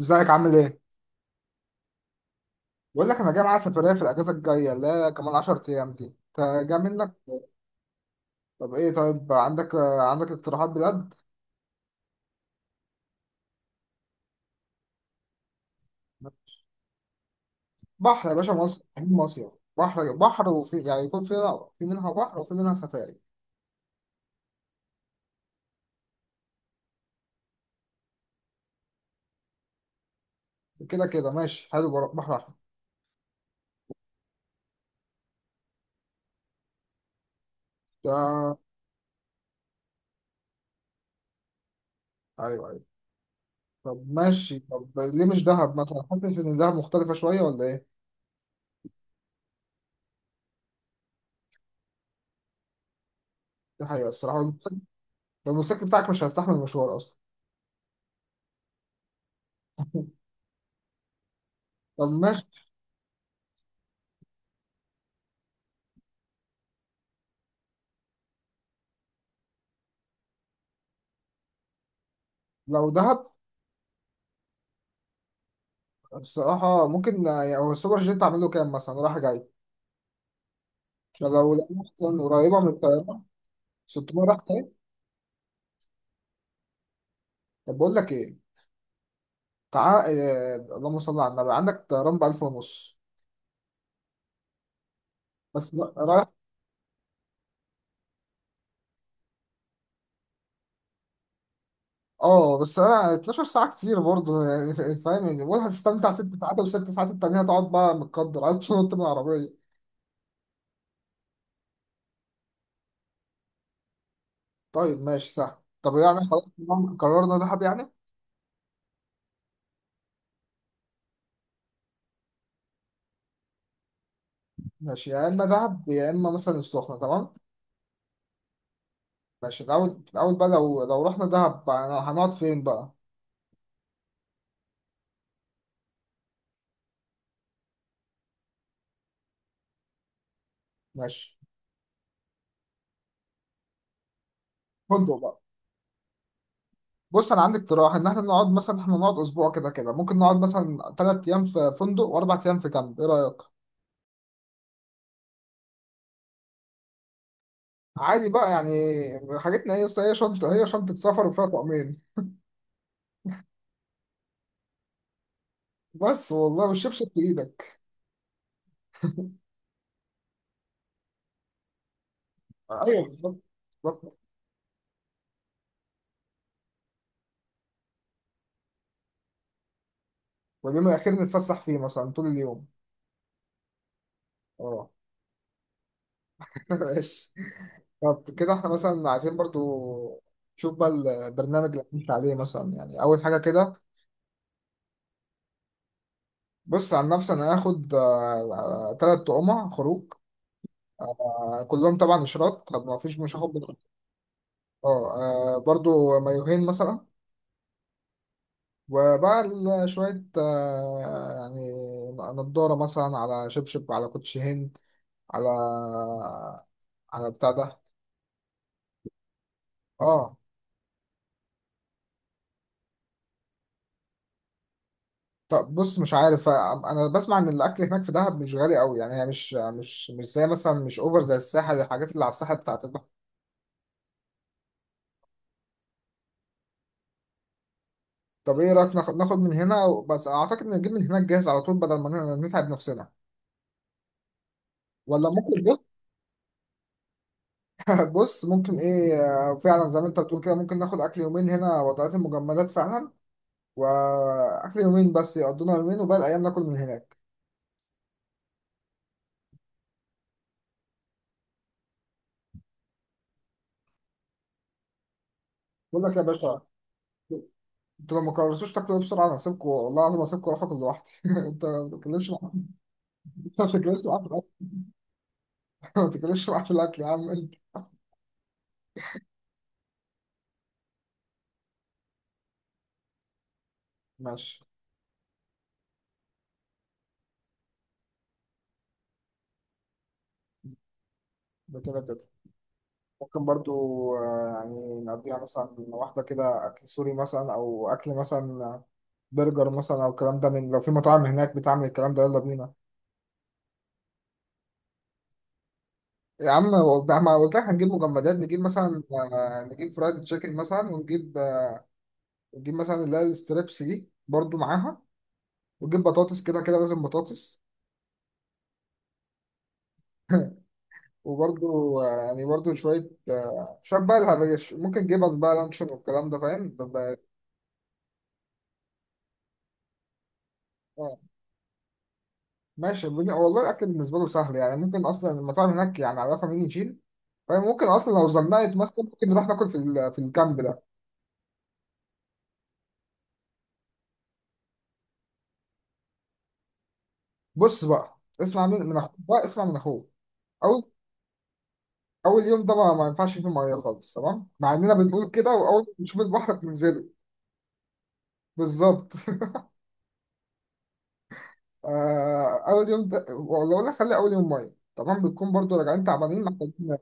ازيك عامل ايه؟ بقول لك انا جاي معايا سفرية في الأجازة الجاية اللي هي كمان 10 أيام دي. انت جاي منك؟ طب ايه، طيب عندك اقتراحات بجد؟ بحر يا باشا مصر، عين مصيف. بحر وفي يعني يكون في منها بحر وفي منها سفاري. كده كده ماشي حلو، بحر أحمر. ده أيوه أيوه. طب ماشي، طب ليه مش دهب مثلا؟ حاسس إن دهب مختلفة شوية ولا ايه؟ دي حقيقة الصراحة، الموتوسيكل بتاعك مش هيستحمل المشوار أصلا. طب ماشي، لو دهب الصراحة ممكن، يعني هو السوبر جيت أعمل له كام مثلا رايح جاي؟ طب لو لقينا مثلا قريبة من الطيارة، 600 راح ايه. طب بقول لك ايه، تعال اللهم صل على النبي، عندك طيران ب 1000 ونص. بس رايح. اه بس انا 12 ساعة كتير برضه، يعني فاهم يعني، بقول هتستمتع 6 ساعات والست ساعات التانية هتقعد بقى متقدر، عايز تنط من العربية. طيب ماشي سهل، طب يعني خلاص تمام، قررنا دهب يعني. ماشي، يا اما دهب يا اما مثلا السخنة، تمام. ماشي الاول بقى، لو رحنا دهب بقى هنقعد فين بقى؟ ماشي، فندق بقى. بص انا عندي اقتراح ان احنا نقعد مثلا، احنا نقعد اسبوع، كده كده ممكن نقعد مثلا 3 ايام في فندق و4 ايام في كامب، ايه رايك؟ عادي بقى يعني. حاجتنا هي شنطه سفر وفيها طقمين. بس والله، والشبشب في ايدك. ايوه بالظبط، بالظبط. واليوم الاخير نتفسح فيه مثلا طول اليوم. اه. ماشي. طب كده احنا مثلا عايزين برضو، شوف بقى البرنامج اللي هنمشي عليه مثلا، يعني اول حاجه كده. بص عن نفسي انا هاخد 3 تقمع خروج، كلهم طبعا اشراط، طب ما فيش، مش هاخد اه. برضو مايوهين مثلا. وبقى شوية، يعني نضارة مثلا، على شبشب، على كوتش هند، على، على بتاع ده. اه. طب بص مش عارف، انا بسمع ان الاكل هناك في دهب مش غالي قوي، يعني هي مش زي مثلا، مش اوفر زي الساحل، الحاجات اللي على الساحل بتاعت البحر. طب ايه رايك، ناخد من هنا، بس اعتقد نجيب من هناك جاهز على طول بدل ما نتعب نفسنا. ولا ممكن؟ بص ممكن ايه. فعلا زي ما انت بتقول كده، ممكن ناخد اكل يومين هنا، وضعات المجمدات فعلا، واكل يومين بس يقضونا يومين، وباقي الايام ناكل من هناك. بقول لك يا باشا، انتوا لو ما قررتوش تاكلوا إيه بسرعه، انا هسيبكم، والله العظيم هسيبكم اروح اكل لوحدي. انت ما تتكلمش معايا. ما تتكلمش معايا في الاكل. ما تتكلمش معايا في الاكل يا عم انت. ماشي، ده كده كده ممكن برضو. يعني نقضيها مثلا واحده كده اكل سوري مثلا، او اكل مثلا، برجر مثلا، او الكلام ده، من لو في مطاعم هناك بتعمل الكلام ده يلا بينا. يا عم ده ما قلت لك هنجيب مجمدات، نجيب مثلا، نجيب فرايد تشيكن مثلا، ونجيب ونجيب مثلا اللي هي الستريبس دي برضو معاها، ونجيب بطاطس، كده كده لازم بطاطس. وبرضو، يعني برضو شوية، شوية بقى الهريش، ممكن جبن بقى لانشون والكلام ده، فاهم آه، ماشي والله الأكل بالنسبة له سهل، يعني ممكن أصلا المطاعم هناك يعني عارفة مين يشيل. فاهم ممكن أصلا لو زنقت مثلا، ممكن نروح ناكل في في الكامب ده. بص بقى اسمع من أخوك بقى، اسمع من أخوك. اول يوم ده ما ينفعش فيه ميه خالص، تمام، مع اننا بنقول كده، واول ما نشوف البحر بننزله. بالظبط. اول يوم ده ولا، خلي اول يوم ميه، تمام، بتكون برضو راجعين تعبانين محتاجين.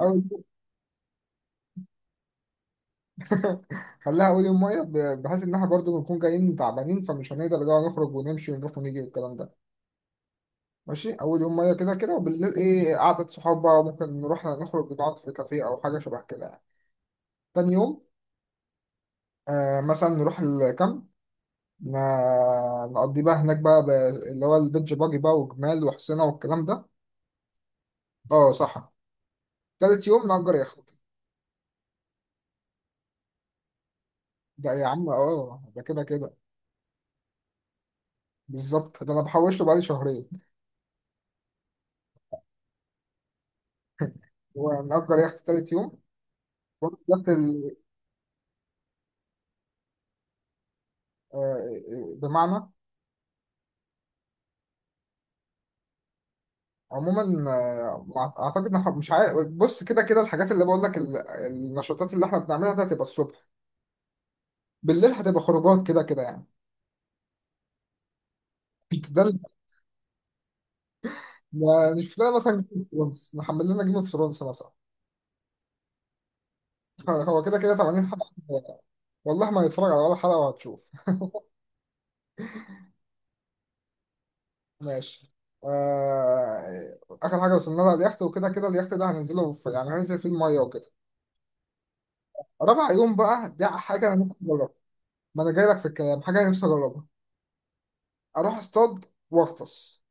أول. خليها أول يوم مية بحيث إن إحنا برضه بنكون جايين تعبانين، فمش هنقدر اللي هو نخرج ونمشي ونروح ونيجي والكلام ده. ماشي، أول يوم مية كده كده، وبالليل إيه، قعدة صحاب بقى، وممكن نروح نخرج نقعد في كافيه أو حاجة شبه كده يعني. تاني يوم آه مثلا نروح الكامب، ما نقضي بقى هناك بقى اللي هو البيتش باجي بقى، وجمال وحسينة والكلام ده. اه صح. تالت يوم نأجر يخت، ده يا عم اه ده كده كده. بالظبط، ده انا بحوشته بقالي شهرين. ونأجر يخت تالت يوم، ونأجر بمعنى، عموما، اعتقد إن إحنا، مش عارف، بص كده كده الحاجات اللي بقول لك النشاطات اللي احنا بنعملها ده هتبقى الصبح، بالليل هتبقى خروجات كده كده يعني. ده اللي- يعني نشوف لنا مثلا جيم اوف ثرونز نحمل لنا جيم اوف ثرونز مثلا. هو كده كده 80 حلقة. والله ما هيتفرج على ولا حلقة وهتشوف. ماشي. آخر حاجة وصلنا لها اليخت، وكده كده اليخت ده هننزله يعني هننزل فيه المية وكده. رابع يوم بقى ده حاجة أنا نفسي أجربها، ما أنا جاي لك في الكلام، حاجة أنا نفسي أجربها. أروح أصطاد وأغطس.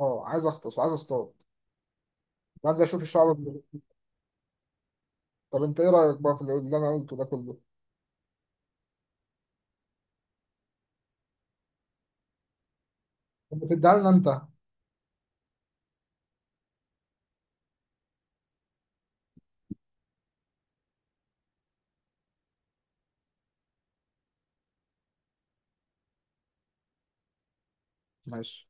أه عايز أغطس وعايز أصطاد، وعايز أشوف الشعب المرجانية. طب أنت إيه رأيك بقى في اللي أنا قلته ده كله؟ طب بتديها لنا أنت. ماشي،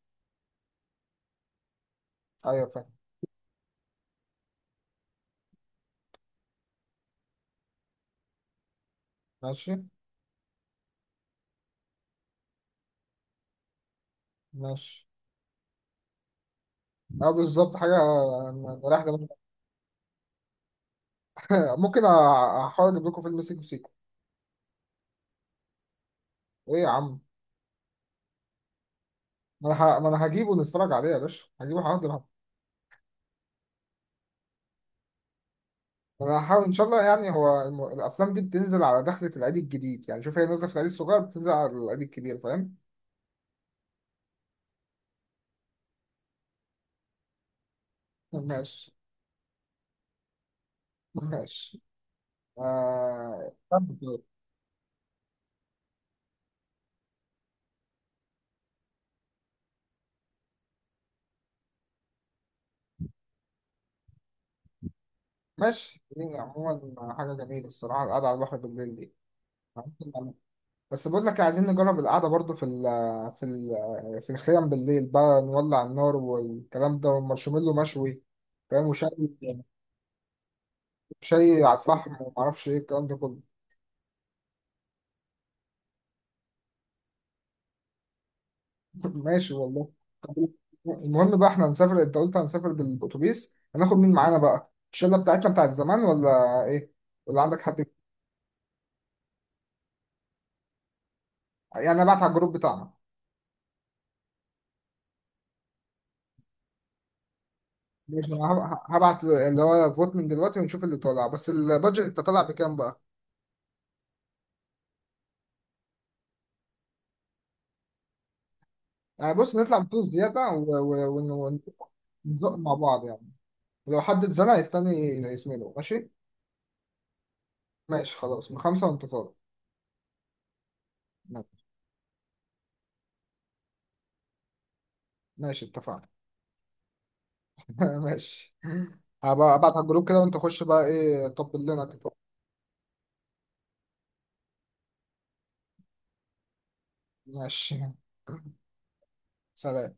أيوه فاهم. ماشي ماشي. أه بالظبط حاجة رايح ده. ممكن احاول اجيب لكم فيلم سيكو سيكو. ايه يا عم، ما انا هجيبه نتفرج عليه يا باشا، هجيبه هحضر. انا هحاول ان شاء الله، يعني هو الافلام دي بتنزل على دخلة العيد الجديد، يعني شوف هي نازله في العيد الصغير، بتنزل على العيد الكبير، فاهم. ماشي. ماشي. آه... ماشي، دي عموما حاجه جميله الصراحه القعده على البحر بالليل دي، ممكن نعملها. بس بقول لك إيه، عايزين نجرب القعده برضو في الخيام بالليل بقى، نولع النار والكلام ده، والمارشميلو مشوي، فاهم، وشاي، شيء على الفحم، ومعرفش ايه الكلام ده كله. ماشي والله. طب المهم بقى احنا هنسافر، انت قلت هنسافر بالاتوبيس، هناخد مين معانا بقى، الشله بتاعتنا بتاعت زمان ولا ايه، ولا عندك حد؟ يعني انا بعت على الجروب بتاعنا. ماشي انا هبعت اللي هو فوت من دلوقتي ونشوف اللي طالع، بس البادجت انت طالع بكام بقى؟ يعني بص نطلع بفلوس زياده ونزق مع بعض يعني، لو حد اتزنق التاني يسمله ماشي. ماشي، خلاص من خمسه وانت طالع. ماشي، ماشي، اتفقنا. ماشي، هبقى ابعت على الجروب كده، وانت خش بقى ايه طبل لنا كده. ماشي، سلام.